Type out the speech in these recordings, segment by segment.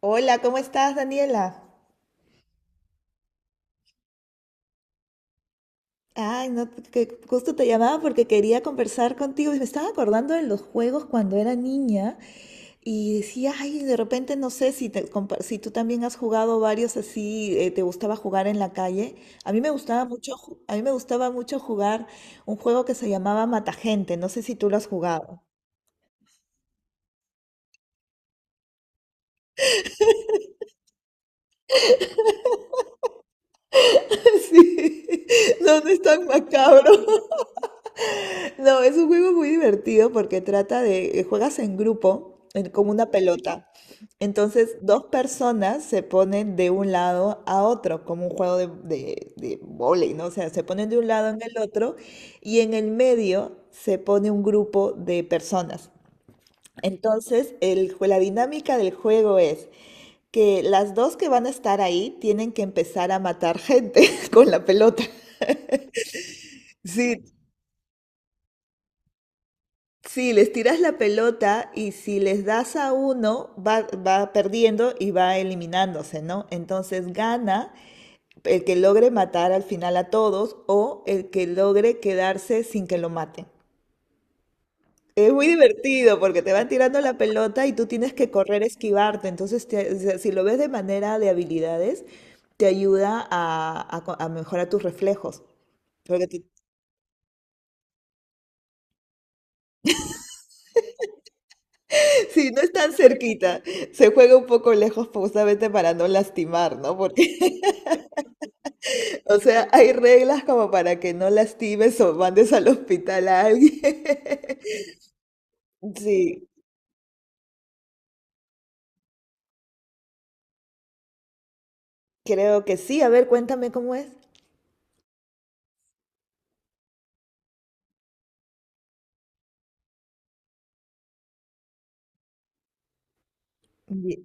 Hola, ¿cómo estás, Daniela? Ay, no, que justo te llamaba porque quería conversar contigo y me estaba acordando de los juegos cuando era niña y decía, ay, de repente no sé si, te compa- si tú también has jugado varios así, te gustaba jugar en la calle. A mí me gustaba mucho, ju- a mí me gustaba mucho jugar un juego que se llamaba Matagente, no sé si tú lo has jugado. Sí, no, no es tan macabro. No, es un juego muy divertido porque trata de, juegas en grupo, en- como una pelota. Entonces, dos personas se ponen de un lado a otro, como un juego de vóley, ¿no? O sea, se ponen de un lado en el otro y en el medio se pone un grupo de personas. Entonces, el, jue- la dinámica del juego es que las dos que van a estar ahí tienen que empezar a matar gente con la pelota. Sí, sí, les tiras la pelota y si les das a uno, va, va perdiendo y va eliminándose, ¿no? Entonces gana el que logre matar al final a todos o el que logre quedarse sin que lo maten. Es muy divertido porque te van tirando la pelota y tú tienes que correr, esquivarte. Entonces, te- o sea, si lo ves de manera de habilidades, te ayuda a mejorar tus reflejos. Porque te- sí, no es tan cerquita. Se juega un poco lejos pues, justamente para no lastimar, ¿no? Porque o sea, hay reglas como para que no lastimes o mandes al hospital a alguien. Sí, creo que sí. A ver, cuéntame cómo es. Ye-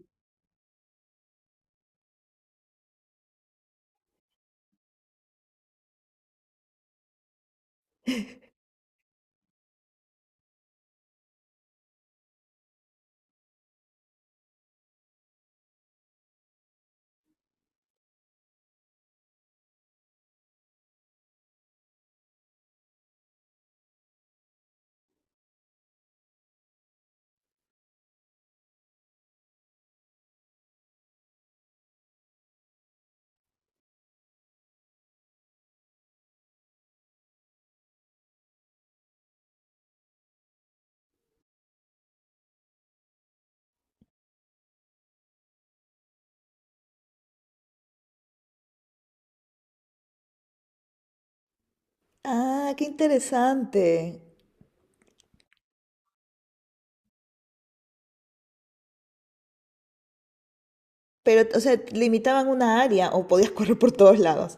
Ah, qué interesante. Pero, o sea, limitaban una área o podías correr por todos lados.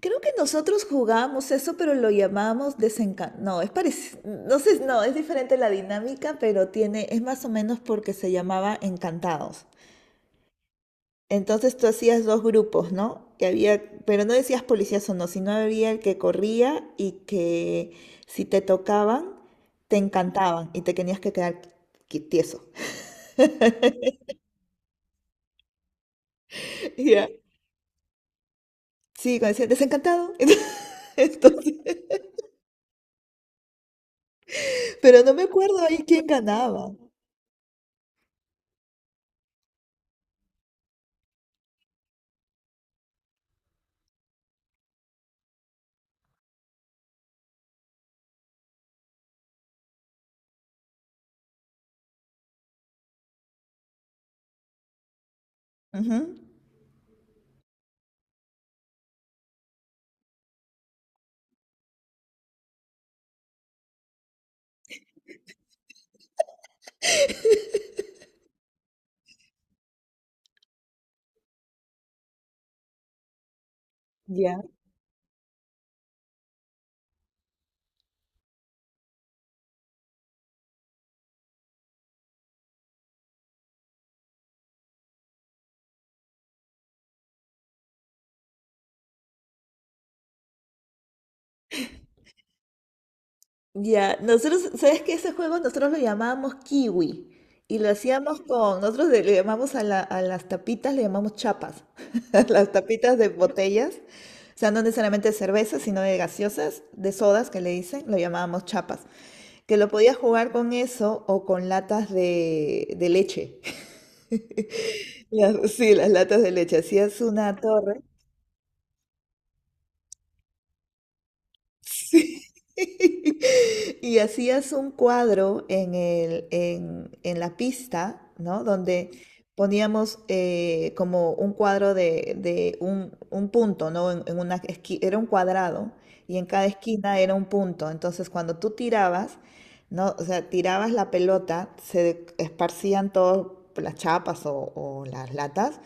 Creo que nosotros jugábamos eso, pero lo llamamos desencanto. No, es parecido. No sé, no, es diferente la dinámica, pero tiene, es más o menos porque se llamaba encantados. Entonces tú hacías dos grupos, ¿no? Que había, pero no decías policías o no, sino había el que corría y que si te tocaban, te encantaban y te tenías que quedar qui- tieso. Ya. Sí, cuando decían desencantado. Entonces, pero no me acuerdo ahí quién ganaba. Ujú. Ya. Ya, nosotros, ¿sabes qué? Ese juego nosotros lo llamábamos kiwi y lo hacíamos con, nosotros le llamamos a, la- a las tapitas, le llamamos chapas, a las tapitas de botellas, o sea, no necesariamente de cerveza, sino de gaseosas, de sodas que le dicen, lo llamábamos chapas, que lo podías jugar con eso o con latas de leche. Las- Sí, las latas de leche, hacías una torre. Sí. Y hacías un cuadro en el, en la pista, ¿no? Donde poníamos como un cuadro de un punto, ¿no? En una esquina, era un cuadrado y en cada esquina era un punto. Entonces, cuando tú tirabas, ¿no? O sea, tirabas la pelota, se esparcían todas las chapas o las latas,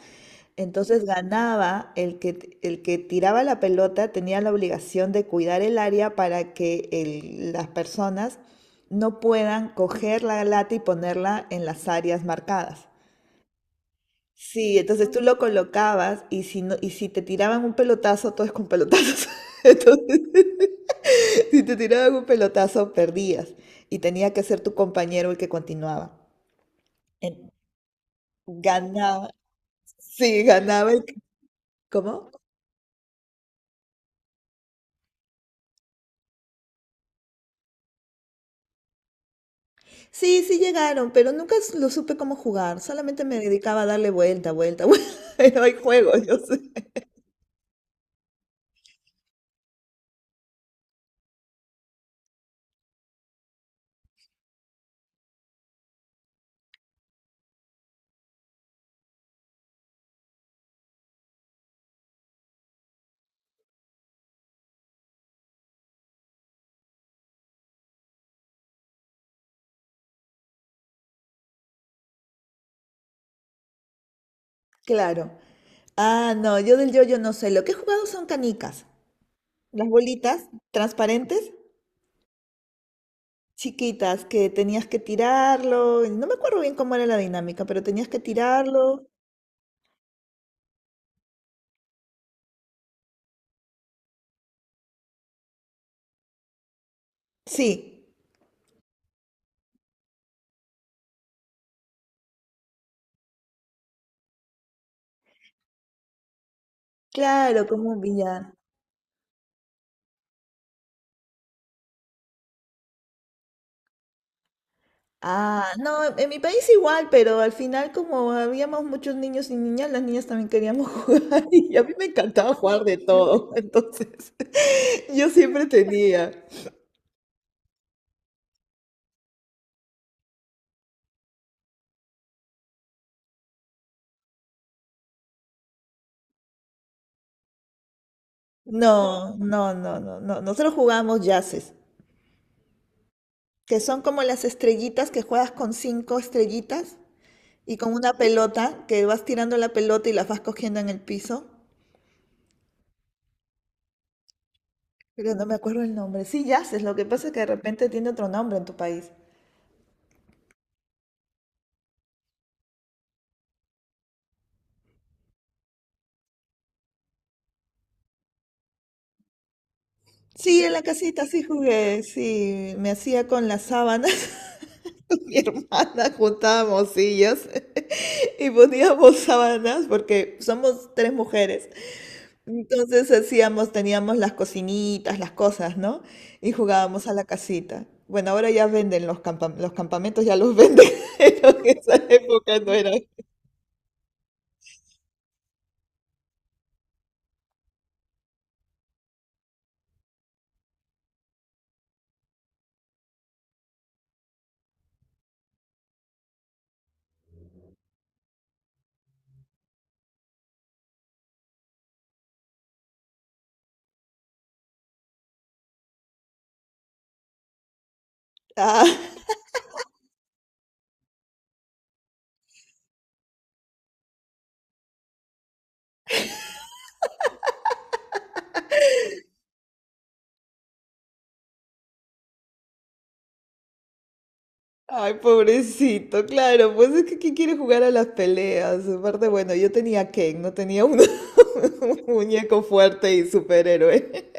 entonces ganaba el que tiraba la pelota, tenía la obligación de cuidar el área para que el- las personas no puedan coger la lata y ponerla en las áreas marcadas. Sí, entonces tú lo colocabas y si, no, y si te tiraban un pelotazo, todo es con pelotazos. Entonces, si te tiraban un pelotazo, perdías y tenía que ser tu compañero el que continuaba. En- Ganaba, sí, ganaba el... ¿Cómo? Sí, sí llegaron, pero nunca s- lo supe cómo jugar. Solamente me dedicaba a darle vuelta, vuelta, vuelta. Pero hay juegos, yo sé. Claro. Ah, no, yo del yo-yo no sé. Lo que he jugado son canicas. Las bolitas transparentes, chiquitas, que tenías que tirarlo. No me acuerdo bien cómo era la dinámica, pero tenías que tirarlo. Sí, claro, como un billar. Ah, no, en mi país igual, pero al final como habíamos muchos niños y niñas, las niñas también queríamos jugar y a mí me encantaba jugar de todo, entonces yo siempre tenía. No, no, no, no, no, nosotros jugábamos yaces, que son como las estrellitas que juegas con 5 estrellitas y con una pelota, que vas tirando la pelota y las vas cogiendo en el piso, pero no me acuerdo el nombre. Sí, yaces. Lo que pasa es que de repente tiene otro nombre en tu país. Sí, en la casita sí jugué, sí, me hacía con las sábanas. Mi hermana juntábamos sillas y poníamos sábanas porque somos tres mujeres. Entonces hacíamos, teníamos las cocinitas, las cosas, ¿no? Y jugábamos a la casita. Bueno, ahora ya venden los campam- los campamentos, ya los venden, pero en esa época no era. Ah, ay, pobrecito, claro, pues es que ¿quién quiere jugar a las peleas? Aparte, bueno, yo tenía Ken, no tenía un, un muñeco fuerte y superhéroe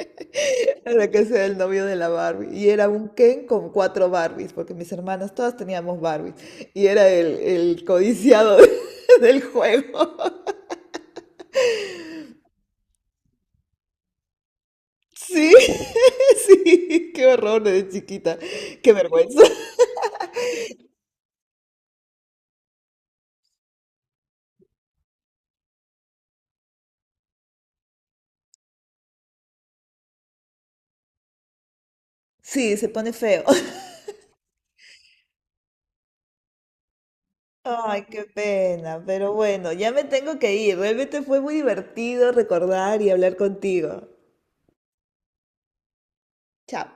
para que sea el novio de la Barbie. Y era un Ken con cuatro Barbies, porque mis hermanas todas teníamos Barbies. Y era el codiciado del juego. Sí, sí, qué horror de chiquita, qué vergüenza. Sí, se pone feo. Ay, qué pena, pero bueno, ya me tengo que ir. Realmente fue muy divertido recordar y hablar contigo. Chao.